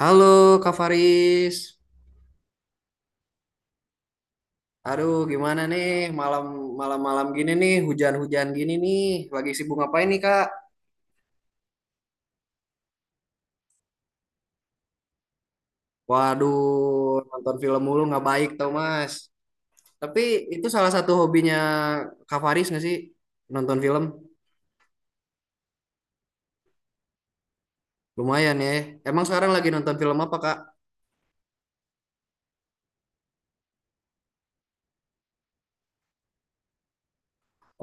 Halo Kak Faris. Aduh, gimana nih malam malam malam gini nih, hujan-hujan gini nih. Lagi sibuk ngapain nih, Kak? Waduh, nonton film mulu nggak baik tau, Mas. Tapi itu salah satu hobinya Kak Faris nggak sih? Nonton film? Lumayan ya. Emang sekarang lagi nonton film apa, Kak?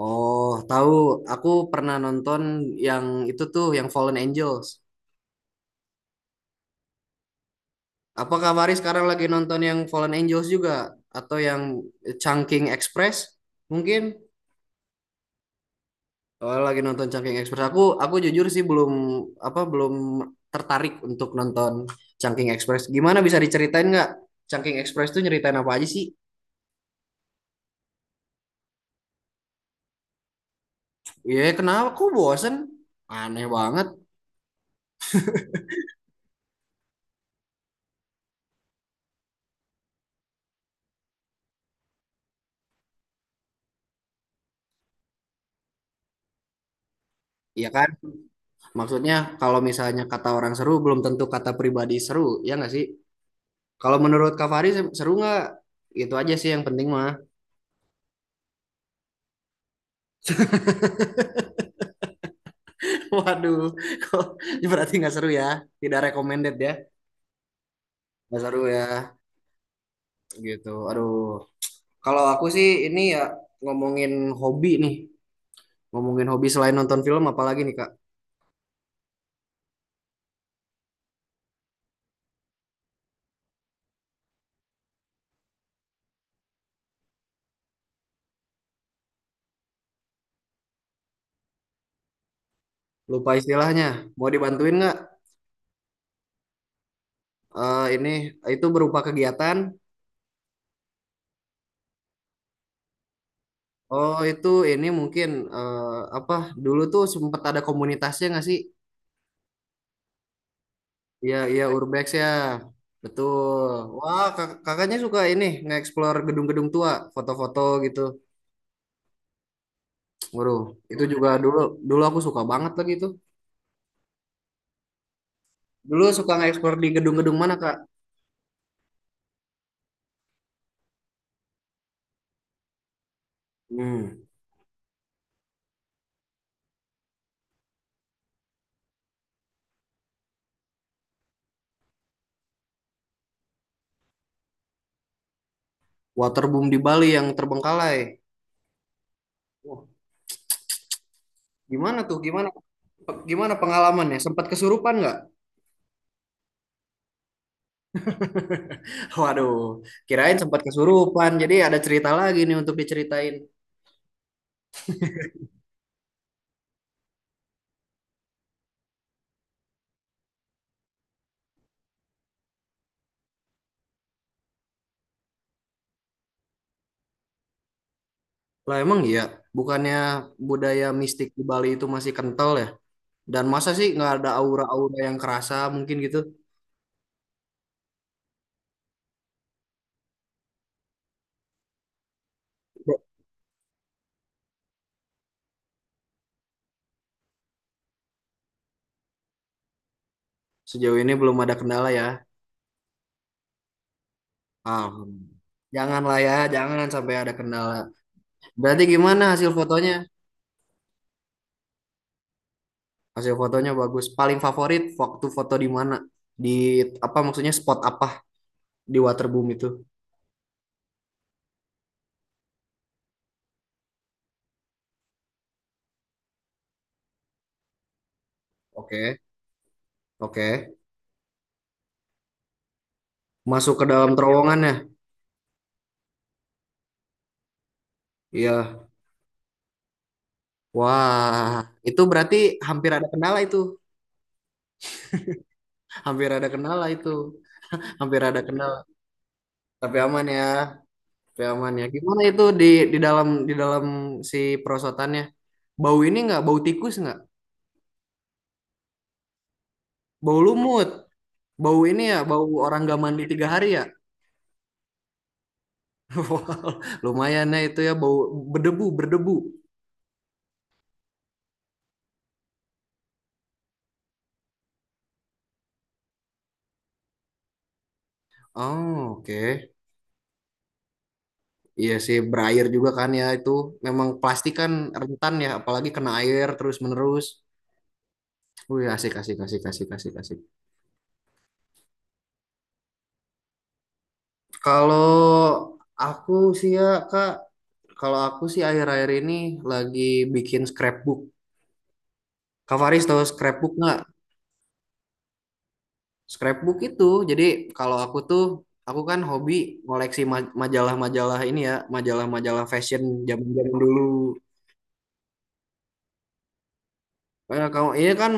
Oh, tahu. Aku pernah nonton yang itu tuh, yang Fallen Angels. Apa Kak Faris sekarang lagi nonton yang Fallen Angels juga? Atau yang Chungking Express? Mungkin. Oh, lagi nonton Chungking Express. Aku jujur sih belum apa belum tertarik untuk nonton Chungking Express. Gimana bisa diceritain nggak Chungking Express tuh nyeritain apa aja sih? Ya kenapa aku bosen? Aneh banget. Iya kan? Maksudnya kalau misalnya kata orang seru belum tentu kata pribadi seru, ya nggak sih? Kalau menurut Kak Fahri seru nggak? Itu aja sih yang penting mah. Waduh, kok berarti nggak seru ya? Tidak recommended ya? Nggak seru ya? Gitu. Aduh. Kalau aku sih ini ya ngomongin hobi nih, ngomongin hobi selain nonton film apalagi nih Kak? Lupa istilahnya. Mau dibantuin nggak? Eh ini itu berupa kegiatan. Oh itu ini mungkin, eh, apa? Dulu tuh sempet ada komunitasnya nggak sih? Iya iya Urbex ya. Betul. Wah kakaknya suka ini nge-explore gedung-gedung tua, foto-foto gitu. Waduh, itu juga dulu dulu aku suka banget lagi itu. Dulu suka nge-explore di gedung-gedung mana Kak? Hmm. Waterboom di Bali yang terbengkalai. Wah, gimana tuh? Gimana gimana pengalamannya? Sempat kesurupan nggak? Waduh, kirain sempat kesurupan. Jadi ada cerita lagi nih untuk diceritain. Lah emang iya, bukannya budaya mistik di Bali itu masih kental ya? Dan masa sih nggak ada aura-aura yang kerasa mungkin gitu? Sejauh ini belum ada kendala ya. Alhamdulillah. Janganlah ya, jangan sampai ada kendala. Berarti gimana hasil fotonya? Hasil fotonya bagus. Paling favorit waktu foto di mana? Di apa maksudnya spot apa di waterboom itu? Oke, oke. Masuk ke dalam terowongan ya? Iya. Wah, itu berarti hampir ada kendala itu. Hampir ada kendala itu. Hampir ada kendala. Tapi aman ya. Tapi aman ya. Gimana itu di di dalam si perosotannya? Bau ini nggak? Bau tikus nggak? Bau lumut? Bau ini ya? Bau orang gak mandi 3 hari ya? Wah, lumayan ya itu ya bau berdebu berdebu. Oh, oke. Iya sih, berair juga kan ya itu. Memang plastik kan rentan ya, apalagi kena air terus-menerus. Wih, asik, asik, asik, asik, asik, asik. Kalau aku sih ya, Kak, kalau aku sih akhir-akhir ini lagi bikin scrapbook. Kak Faris tahu scrapbook nggak? Scrapbook itu, jadi kalau aku tuh, aku kan hobi ngoleksi majalah-majalah ini ya, majalah-majalah fashion zaman-zaman dulu. Karena kamu ini kan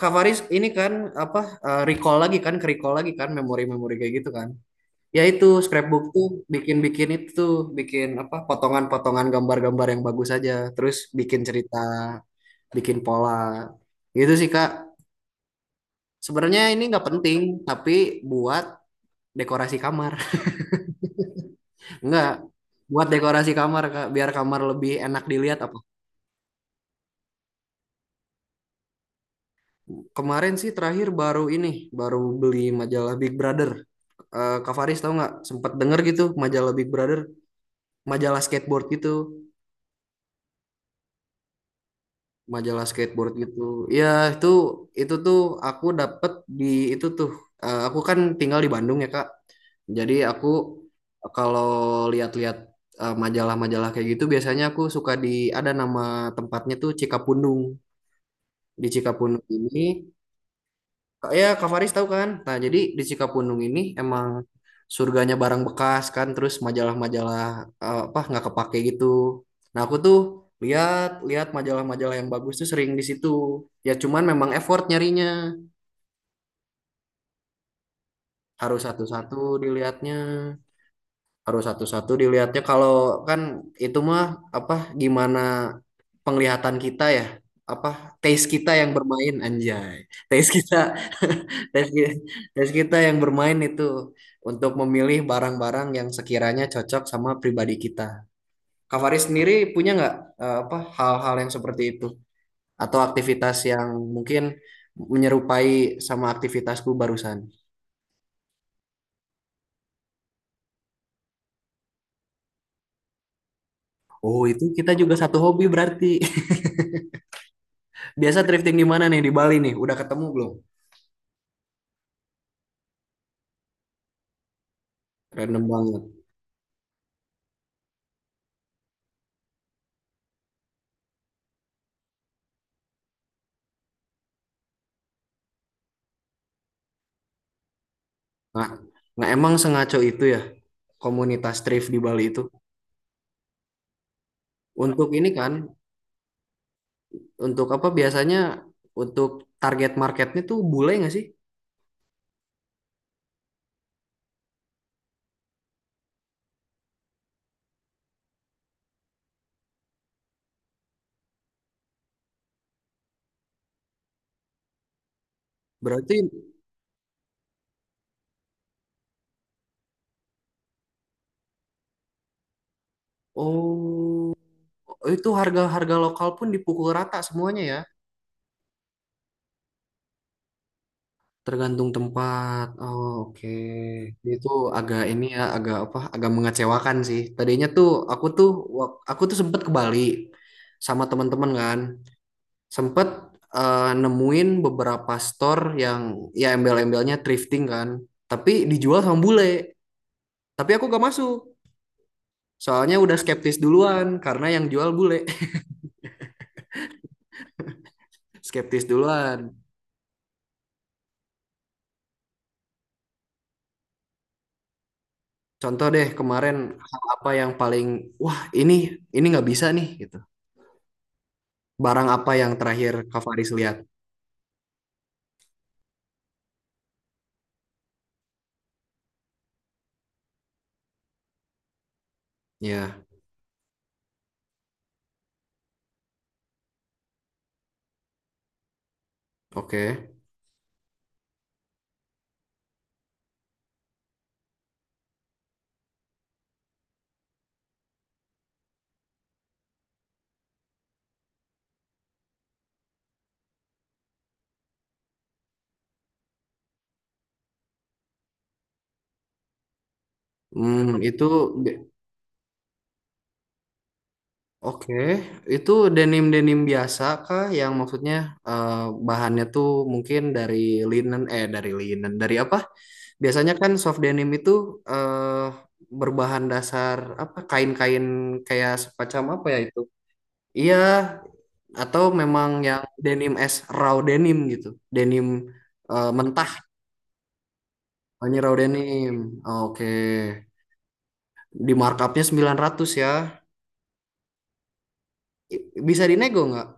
Kavaris ini kan apa recall lagi kan, ke recall lagi kan memori-memori kayak gitu kan. Ya itu scrapbook tuh bikin-bikin itu tuh, bikin apa potongan-potongan gambar-gambar yang bagus aja, terus bikin cerita, bikin pola. Gitu sih Kak. Sebenarnya ini nggak penting, tapi buat dekorasi kamar. nggak buat dekorasi kamar Kak, biar kamar lebih enak dilihat apa. Kemarin sih terakhir baru ini, baru beli majalah Big Brother. Eh Kak Faris tahu nggak sempat denger gitu majalah Big Brother, majalah skateboard gitu, majalah skateboard gitu. Ya itu itu tuh aku dapet di itu tuh aku kan tinggal di Bandung ya Kak. Jadi aku kalau lihat-lihat majalah-majalah kayak gitu biasanya aku suka di ada nama tempatnya tuh Cikapundung. Di Cikapundung ini Ya, Kak Faris tahu kan? Nah, jadi di Cikapundung ini emang surganya barang bekas kan, terus majalah-majalah apa nggak kepake gitu. Nah, aku tuh lihat lihat majalah-majalah yang bagus tuh sering di situ. Ya cuman memang effort nyarinya, harus satu-satu dilihatnya. Harus satu-satu dilihatnya kalau kan itu mah apa gimana penglihatan kita ya apa taste kita yang bermain anjay taste kita taste kita, taste kita yang bermain itu untuk memilih barang-barang yang sekiranya cocok sama pribadi kita. Kak Faris sendiri punya nggak apa hal-hal yang seperti itu atau aktivitas yang mungkin menyerupai sama aktivitasku barusan? Oh, itu kita juga satu hobi berarti. Biasa thrifting di mana nih di Bali nih? Udah ketemu belum? Random banget. Nah, nah, emang sengaco itu ya komunitas thrift di Bali itu. Untuk ini kan, untuk apa biasanya untuk target marketnya tuh bule nggak sih? Berarti oh itu harga-harga lokal pun dipukul rata semuanya ya. Tergantung tempat. Oh, oke. Itu agak ini ya, agak apa? Agak mengecewakan sih. Tadinya tuh aku tuh aku tuh sempet ke Bali sama teman-teman kan. Sempet nemuin beberapa store yang ya embel-embelnya thrifting kan, tapi dijual sama bule. Tapi aku gak masuk, soalnya udah skeptis duluan karena yang jual bule, skeptis duluan. Contoh deh kemarin hal apa yang paling wah ini nggak bisa nih gitu. Barang apa yang terakhir Kak Faris lihat? Ya, oke. Hmm, itu oke, itu denim-denim biasa kah? Yang maksudnya eh, bahannya tuh mungkin dari linen, dari apa? Biasanya kan soft denim itu eh berbahan dasar apa? Kain-kain kayak semacam apa ya itu? Iya, atau memang yang denim as raw denim gitu, denim mentah, hanya raw denim. Oke, di markupnya 900 ya. Bisa dinego nggak?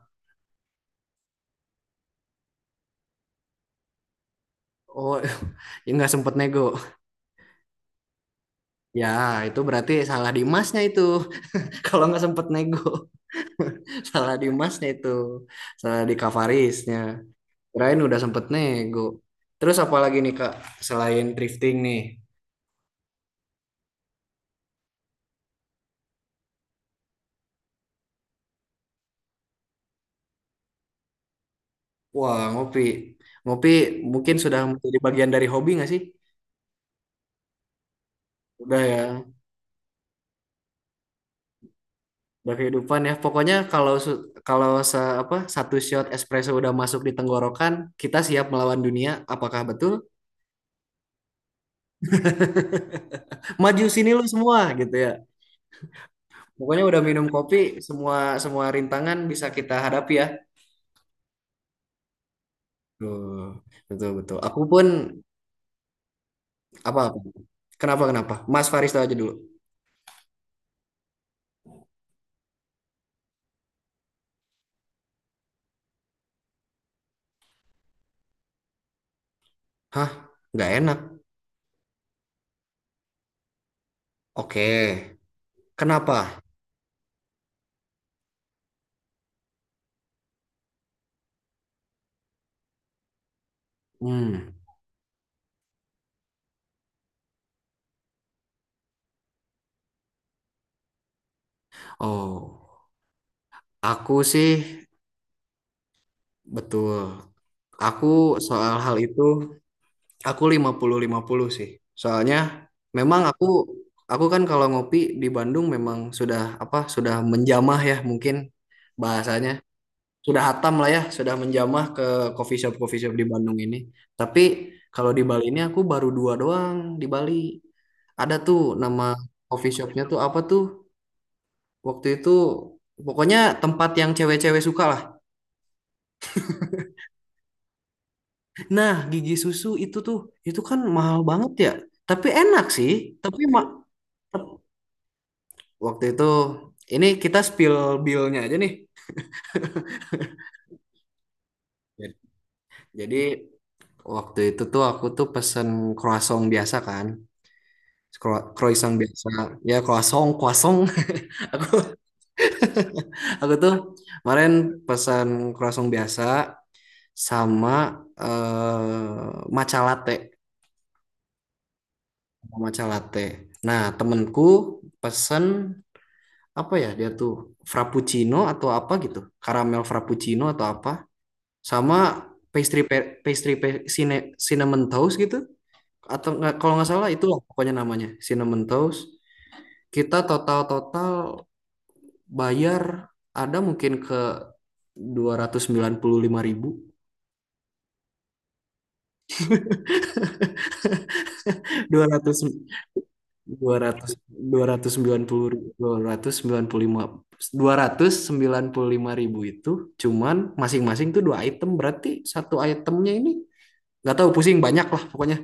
Oh, ya nggak sempet nego. Ya, itu berarti salah di masnya itu. Kalau nggak sempet nego, salah di masnya itu. Salah di Kavarisnya. Kirain udah sempet nego. Terus apa lagi nih Kak, selain thrifting nih? Wah, ngopi. Ngopi mungkin sudah menjadi bagian dari hobi nggak sih? Udah ya, udah kehidupan ya. Pokoknya kalau su- kalau se apa 1 shot espresso udah masuk di tenggorokan, kita siap melawan dunia. Apakah betul? Maju sini lu semua gitu ya. Pokoknya udah minum kopi, semua semua rintangan bisa kita hadapi ya. Tuh, betul betul. Aku pun apa? Apa? Kenapa kenapa? Mas Faris tahu aja dulu. Hah? Nggak enak. Oke. Kenapa? Hmm. Oh, aku sih betul. Aku soal hal itu aku 50-50 sih. Soalnya memang aku kan kalau ngopi di Bandung memang sudah apa? Sudah menjamah ya mungkin bahasanya sudah hatam lah ya, sudah menjamah ke coffee shop di Bandung ini. Tapi kalau di Bali ini aku baru dua doang di Bali. Ada tuh nama coffee shopnya tuh apa tuh? Waktu itu pokoknya tempat yang cewek-cewek suka lah. Nah, gigi susu itu tuh itu kan mahal banget ya. Tapi enak sih. Tapi tep- waktu itu ini kita spill bill-nya aja nih. Jadi waktu itu tuh aku tuh pesen croissant biasa kan. Croissant biasa ya croissant croissant aku aku tuh kemarin pesan croissant biasa sama matcha latte. Sama matcha latte nah temenku pesen apa ya dia tuh frappuccino atau apa gitu karamel frappuccino atau apa sama cinnamon toast gitu atau nggak kalau nggak salah itulah pokoknya namanya cinnamon toast kita total total bayar ada mungkin ke dua dua dua dua ratus ratus ratus dua ratus sembilan sembilan puluh puluh lima ribu, 295 ribu itu cuman masing-masing tuh dua item berarti satu itemnya ini nggak tahu pusing banyak lah pokoknya.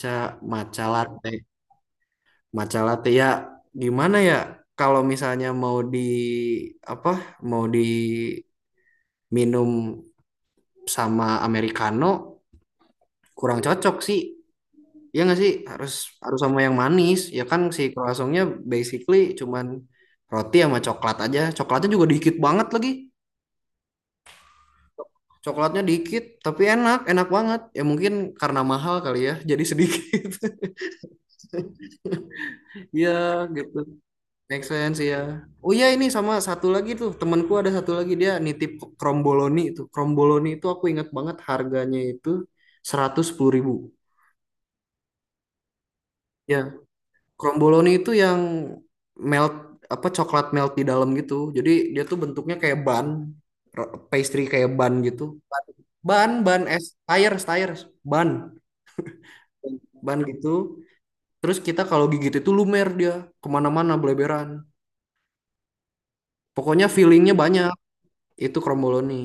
Ca Matcha latte matcha latte ya gimana ya kalau misalnya mau di apa mau diminum sama americano kurang cocok sih. Iya nggak sih harus harus sama yang manis ya kan si croissantnya basically cuman roti sama coklat aja coklatnya juga dikit banget lagi coklatnya dikit tapi enak enak banget ya mungkin karena mahal kali ya jadi sedikit. Iya gitu make sense ya. Oh iya ini sama satu lagi tuh temanku ada satu lagi dia nitip kromboloni itu aku ingat banget harganya itu 110 ribu. Ya Kromboloni itu yang melt apa coklat melt di dalam gitu. Jadi dia tuh bentuknya kayak bun, pastry kayak bun gitu. Bun, bun es, tires, tires, bun, bun gitu. Terus kita kalau gigit itu lumer dia kemana-mana beleberan. Pokoknya feelingnya banyak. Itu Kromboloni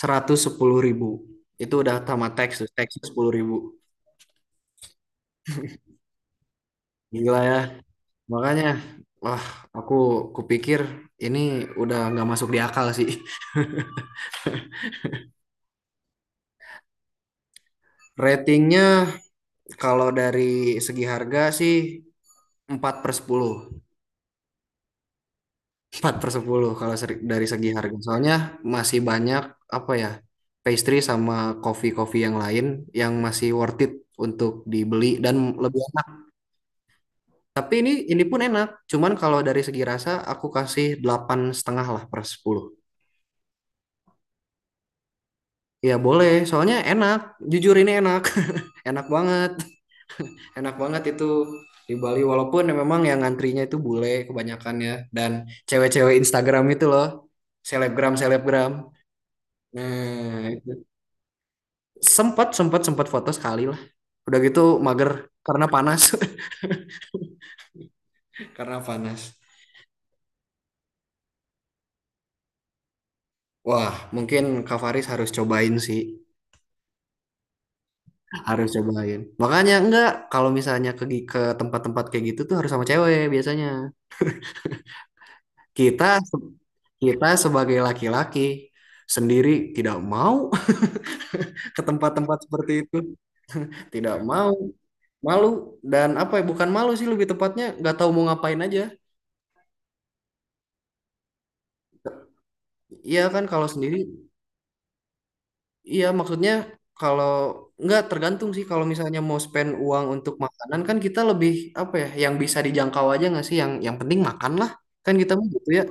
110 ribu. Itu udah tamat teks, teks 10 ribu. Gila ya. Makanya, wah aku kupikir ini udah nggak masuk di akal sih. Ratingnya kalau dari segi harga sih 4/10. 4/10 kalau dari segi harga. Soalnya masih banyak apa ya pastry sama coffee-coffee yang lain yang masih worth it untuk dibeli dan lebih enak. Tapi ini pun enak. Cuman kalau dari segi rasa aku kasih 8,5 lah per 10. Ya boleh, soalnya enak. Jujur ini enak. Enak banget. Enak banget itu di Bali walaupun ya memang yang ngantrinya itu bule kebanyakan ya dan cewek-cewek Instagram itu loh selebgram selebgram nah itu. Sempat sempat sempat foto sekali lah udah gitu mager karena panas karena panas. Wah mungkin Kak Faris harus cobain sih harus cobain makanya enggak kalau misalnya ke tempat-tempat kayak gitu tuh harus sama cewek biasanya kita kita sebagai laki-laki sendiri tidak mau ke tempat-tempat seperti itu. Tidak mau, malu dan apa ya? Bukan malu sih lebih tepatnya nggak tahu mau ngapain aja. Iya kan kalau sendiri, iya maksudnya kalau nggak tergantung sih kalau misalnya mau spend uang untuk makanan kan kita lebih apa ya? Yang bisa dijangkau aja nggak sih? Yang penting makan lah. Kan kita mah gitu ya,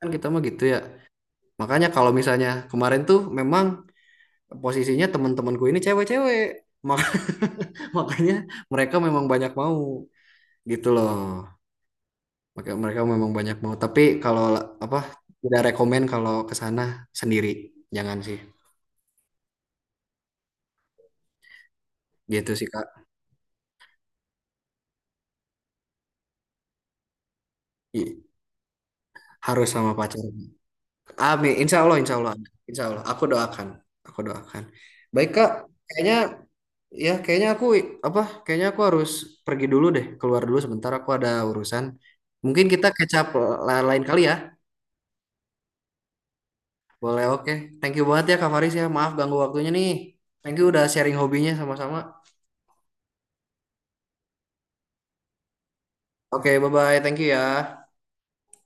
kan kita mah gitu ya. Makanya kalau misalnya kemarin tuh memang posisinya teman-temanku ini cewek-cewek. Mak- Makanya mereka memang banyak mau gitu loh. Maka mereka memang banyak mau. Tapi kalau apa tidak rekomen kalau ke sana sendiri, jangan sih. Gitu sih Kak. I- Harus sama pacar. Amin. Insya Allah, insya Allah. Insya Allah. Aku doakan. Aku doakan. Baik Kak. Kayaknya ya kayaknya aku apa? Kayaknya aku harus pergi dulu deh. Keluar dulu sebentar. Aku ada urusan. Mungkin kita kecap lain kali ya. Boleh, oke. Thank you banget ya Kak Faris ya. Maaf ganggu waktunya nih. Thank you udah sharing hobinya sama-sama. Oke, bye-bye. Thank you ya.